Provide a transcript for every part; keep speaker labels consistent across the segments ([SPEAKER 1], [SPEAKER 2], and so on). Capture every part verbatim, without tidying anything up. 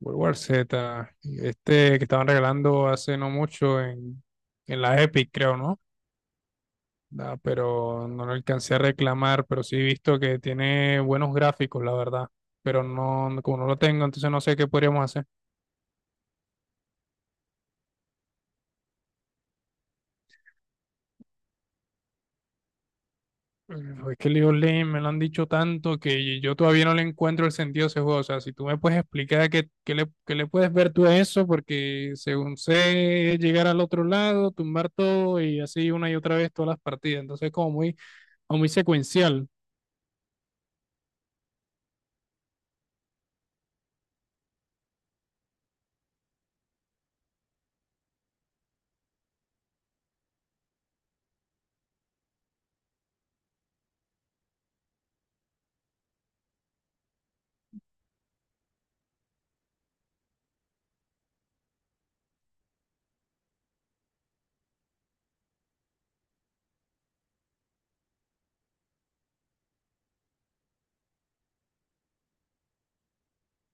[SPEAKER 1] World War Z, este que estaban regalando hace no mucho en, en la Epic, creo, ¿no? Ah, pero no lo alcancé a reclamar, pero sí he visto que tiene buenos gráficos, la verdad. Pero no, no- como no lo tengo, entonces no sé qué podríamos hacer. Pero Es que League of Legends me lo han dicho tanto que yo todavía no le encuentro el sentido a ese juego. O sea, si tú me puedes explicar qué, qué le, qué le puedes ver tú a eso, porque según sé, es llegar al otro lado, tumbar todo y así una y otra vez todas las partidas. Entonces, como muy o muy secuencial.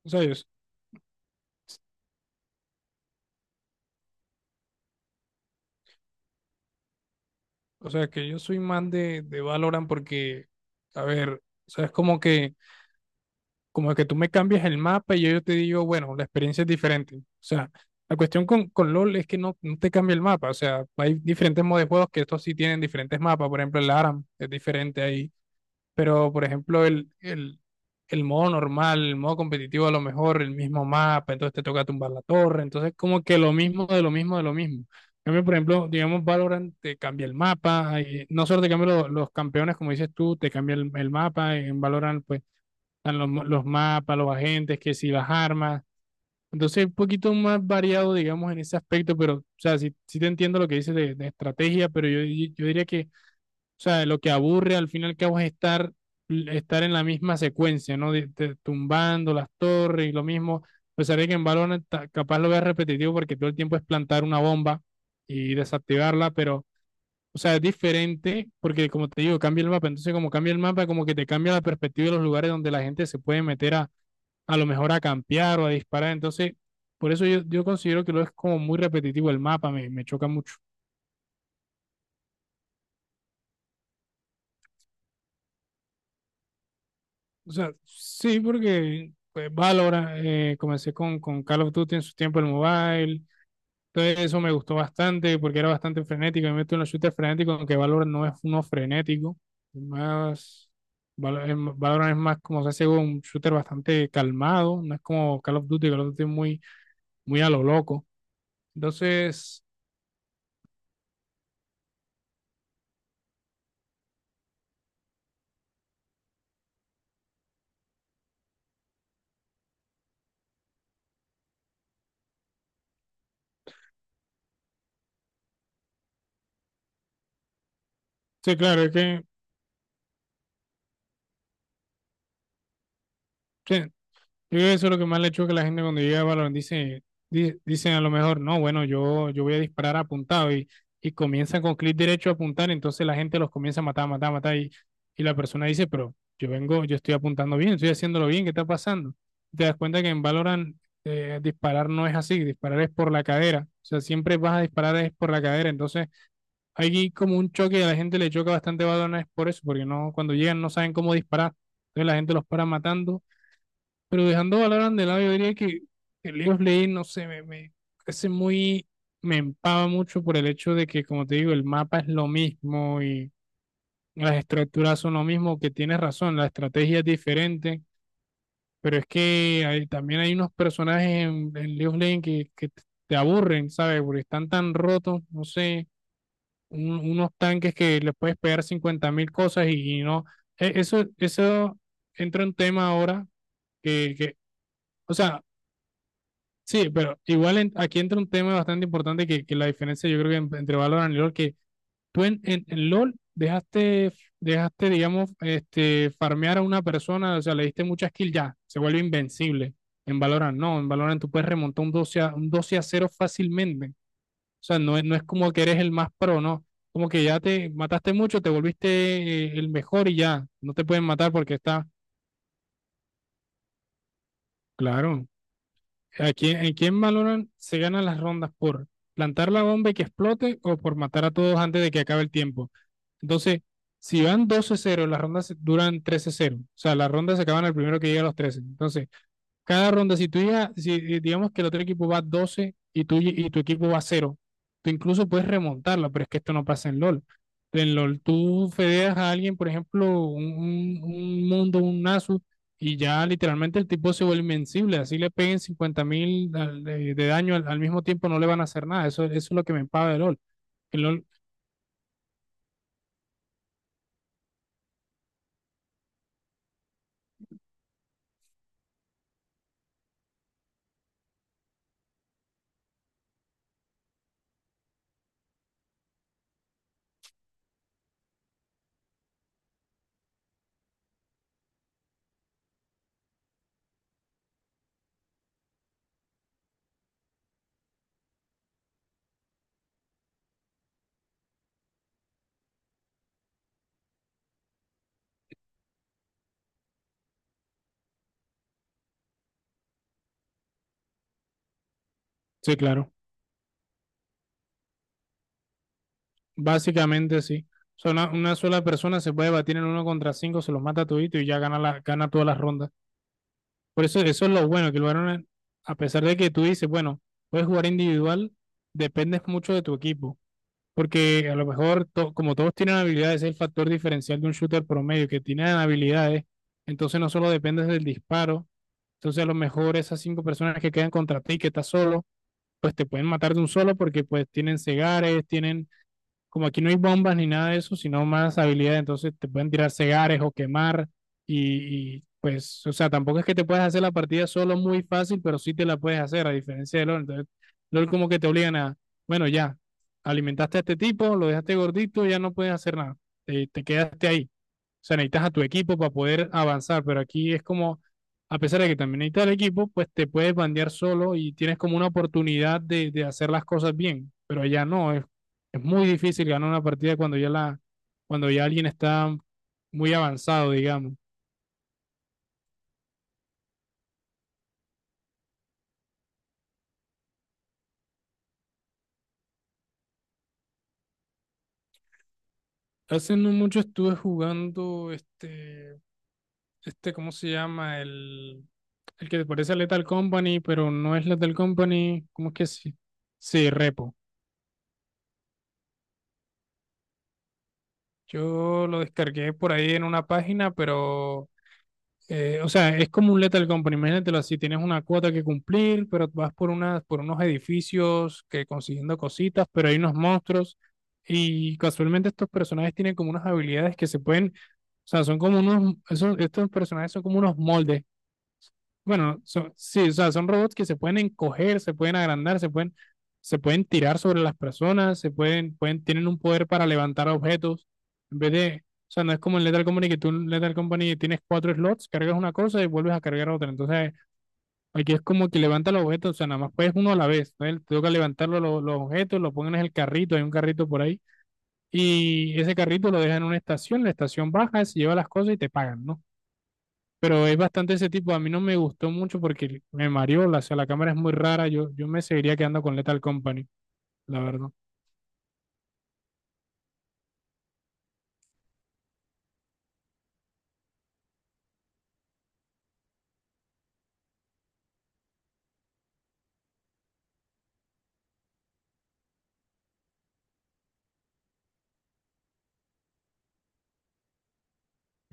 [SPEAKER 1] O sea, yo- s- o sea que yo soy más de, de, Valorant porque, a ver, o sea, es como que, como que, tú me cambias el mapa y yo, yo te digo, bueno, la experiencia es diferente. O sea, la cuestión con, con LOL es que no, no te cambia el mapa. O sea, hay diferentes modos de juegos que estos sí tienen diferentes mapas. Por ejemplo, el A R A M es diferente ahí. Pero, por ejemplo, el, el, el modo normal, el modo competitivo, a lo mejor el mismo mapa, entonces te toca tumbar la torre, entonces como que lo mismo de lo mismo de lo mismo. En cambio, por ejemplo, digamos, Valorant te cambia el mapa, ahí no solo te cambia lo- los campeones, como dices tú, te cambia el, el, mapa, en Valorant pues están los, mo- los mapas, los agentes, que si las armas, entonces un poquito más variado, digamos, en ese aspecto, pero, o sea, sí, sí te entiendo lo que dices de, de, estrategia, pero yo, di- yo diría que o sea, lo que aburre al final que vas a estar, estar en la misma secuencia, ¿no? De- de- tumbando las torres y lo mismo. A pesar de que en Valorant ta- capaz lo veas repetitivo porque todo el tiempo es plantar una bomba y desactivarla, pero, o sea, es diferente porque, como te digo, cambia el mapa. Entonces, como cambia el mapa, como que te cambia la perspectiva de los lugares donde la gente se puede meter a, a lo mejor a campear o a disparar. Entonces, por eso yo, yo, considero que lo es como muy repetitivo el mapa, me, me choca mucho. O sea, sí, porque pues, Valorant, eh, comencé con, con Call of Duty en su tiempo el mobile. Entonces eso me gustó bastante porque era bastante frenético. Me meto en los shooters frenéticos, aunque Valorant no es uno frenético. Es más, Val- es m- Valorant es más como se hace un shooter bastante calmado. No es como Call of Duty, Call of Duty es muy, muy a lo loco. Entonces, sí, claro, es que sí, Yo creo que eso es lo que más le choca a la gente cuando llega a Valorant. Dice, di- dicen a lo mejor, no, bueno, yo, yo, voy a disparar apuntado y, y comienzan con clic derecho a apuntar, entonces la gente los comienza a matar, matar, matar y, y la persona dice, pero yo vengo, yo estoy apuntando bien, estoy haciéndolo bien, ¿qué está pasando? Te das cuenta que en Valorant eh, disparar no es así, disparar es por la cadera, o sea, siempre vas a disparar es por la cadera, entonces hay como un choque y a la gente le choca bastante Valorant es por eso, porque no, cuando llegan no saben cómo disparar, entonces la gente los para matando pero dejando Valorant de lado, yo diría que el League of Legends, no sé, me, me, parece muy, me empava mucho por el hecho de que, como te digo, el mapa es lo mismo y las estructuras son lo mismo, que tienes razón, la estrategia es diferente, pero es que hay- también hay unos personajes en, en, League of Legends que, que t- te aburren, ¿sabes? Porque están tan rotos, no sé, un- unos tanques que les puedes pegar cincuenta mil cosas y, y, no. e- Eso, eso entra en tema ahora que, que, o sea, sí, pero igual en- aquí entra un tema bastante importante que, que la diferencia yo creo que en- entre Valorant y LoL, que tú en, en, en LoL dejaste, dejaste, digamos, este, farmear a una persona, o sea, le diste muchas kills ya, se vuelve invencible. En Valorant no, en Valorant tú puedes remontar un doce a, un doce a cero fácilmente. O sea, no es, no es como que eres el más pro, no. Como que ya te mataste mucho, te volviste eh, el mejor y ya, no te pueden matar porque está, claro. Aquí en quién valoran se ganan las rondas por plantar la bomba y que explote o por matar a todos antes de que acabe el tiempo. Entonces, si van doce cero, las rondas duran trece cero. O sea, las rondas se acaban al primero que llega a los trece. Entonces, cada ronda, si tú llegas, si eh, digamos que el otro equipo va doce y, tú, y tu equipo va cero tú incluso puedes remontarla, pero es que esto no pasa en LOL. En LOL, tú fedeas a alguien, por ejemplo, un, un- mundo, un Nasus, y ya literalmente el tipo se vuelve invencible. Así le peguen cincuenta mil de, de, daño al, al mismo tiempo, no le van a hacer nada. Eso, eso es lo que me paga de LOL. El LOL, sí, claro, básicamente sí. O sea, una, una sola persona se puede batir en uno contra cinco, se los mata a todito y ya gana, la, gana todas las rondas. Por eso, eso es lo bueno, que el Barcelona, a pesar de que tú dices, bueno, puedes jugar individual, dependes mucho de tu equipo. Porque a lo mejor, to- como todos tienen habilidades, es el factor diferencial de un shooter promedio, que tienen habilidades, entonces no solo dependes del disparo, entonces a lo mejor esas cinco personas que quedan contra ti, que estás solo, pues te pueden matar de un solo porque pues tienen cegares, tienen como aquí no hay bombas ni nada de eso, sino más habilidades, entonces te pueden tirar cegares o quemar y, y, pues, o sea, tampoco es que te puedas hacer la partida solo muy fácil, pero sí te la puedes hacer, a diferencia de LOL. Entonces, LOL como que te obligan a, bueno, ya, alimentaste a este tipo, lo dejaste gordito, ya no puedes hacer nada, te, te, quedaste ahí. O sea, necesitas a tu equipo para poder avanzar, pero aquí es como, a pesar de que también necesitas el equipo, pues te puedes bandear solo y tienes como una oportunidad de, de hacer las cosas bien, pero allá no, es, es muy difícil ganar una partida cuando ya la, cuando ya alguien está muy avanzado, digamos. Hace no mucho estuve jugando este, este, ¿cómo se llama? El, el que te parece a Lethal Company, pero no es Lethal Company, ¿cómo es que sí? Sí, Repo. Yo lo descargué por ahí en una página, pero, eh, o sea, es como un Lethal Company, imagínatelo así, tienes una cuota que cumplir, pero vas por unas, por unos edificios que consiguiendo cositas, pero hay unos monstruos y casualmente estos personajes tienen como unas habilidades que se pueden, o sea, son como unos, esos- estos personajes son como unos moldes bueno, son, sí, o sea, son robots que se pueden encoger, se pueden agrandar, se pueden, se pueden tirar sobre las personas, se pueden, pueden, tienen un poder para levantar objetos. En vez de, o sea, no es como en Lethal Company que tú en Lethal Company tienes cuatro slots, cargas una cosa y vuelves a cargar otra. Entonces, aquí es como que levanta los objetos, o sea, nada más puedes uno a la vez. ¿No? Te toca levantar los, los, objetos, lo ponen en el carrito, hay un carrito por ahí, y ese carrito lo dejan en una estación, la estación baja, se lleva las cosas y te pagan, ¿no? Pero es bastante ese tipo. A mí no me gustó mucho porque me mareó. la- O sea, la cámara es muy rara. Yo, yo, me seguiría quedando con Lethal Company, la verdad.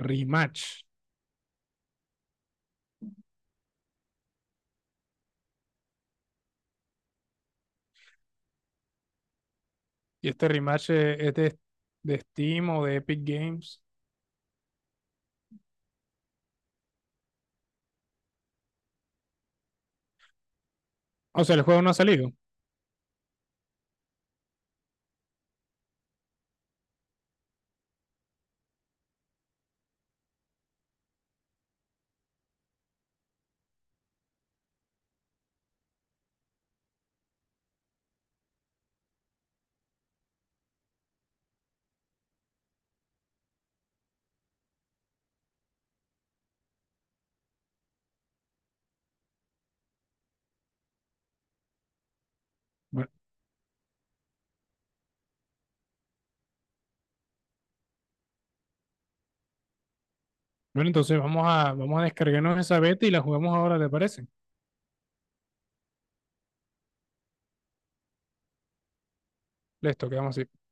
[SPEAKER 1] Rematch. Y este rematch es, es de, de Steam o de Epic Games. O sea, el juego no ha salido. Bueno, bueno, entonces vamos a, vamos a descargarnos esa beta y la jugamos ahora, ¿te parece? Listo, quedamos así.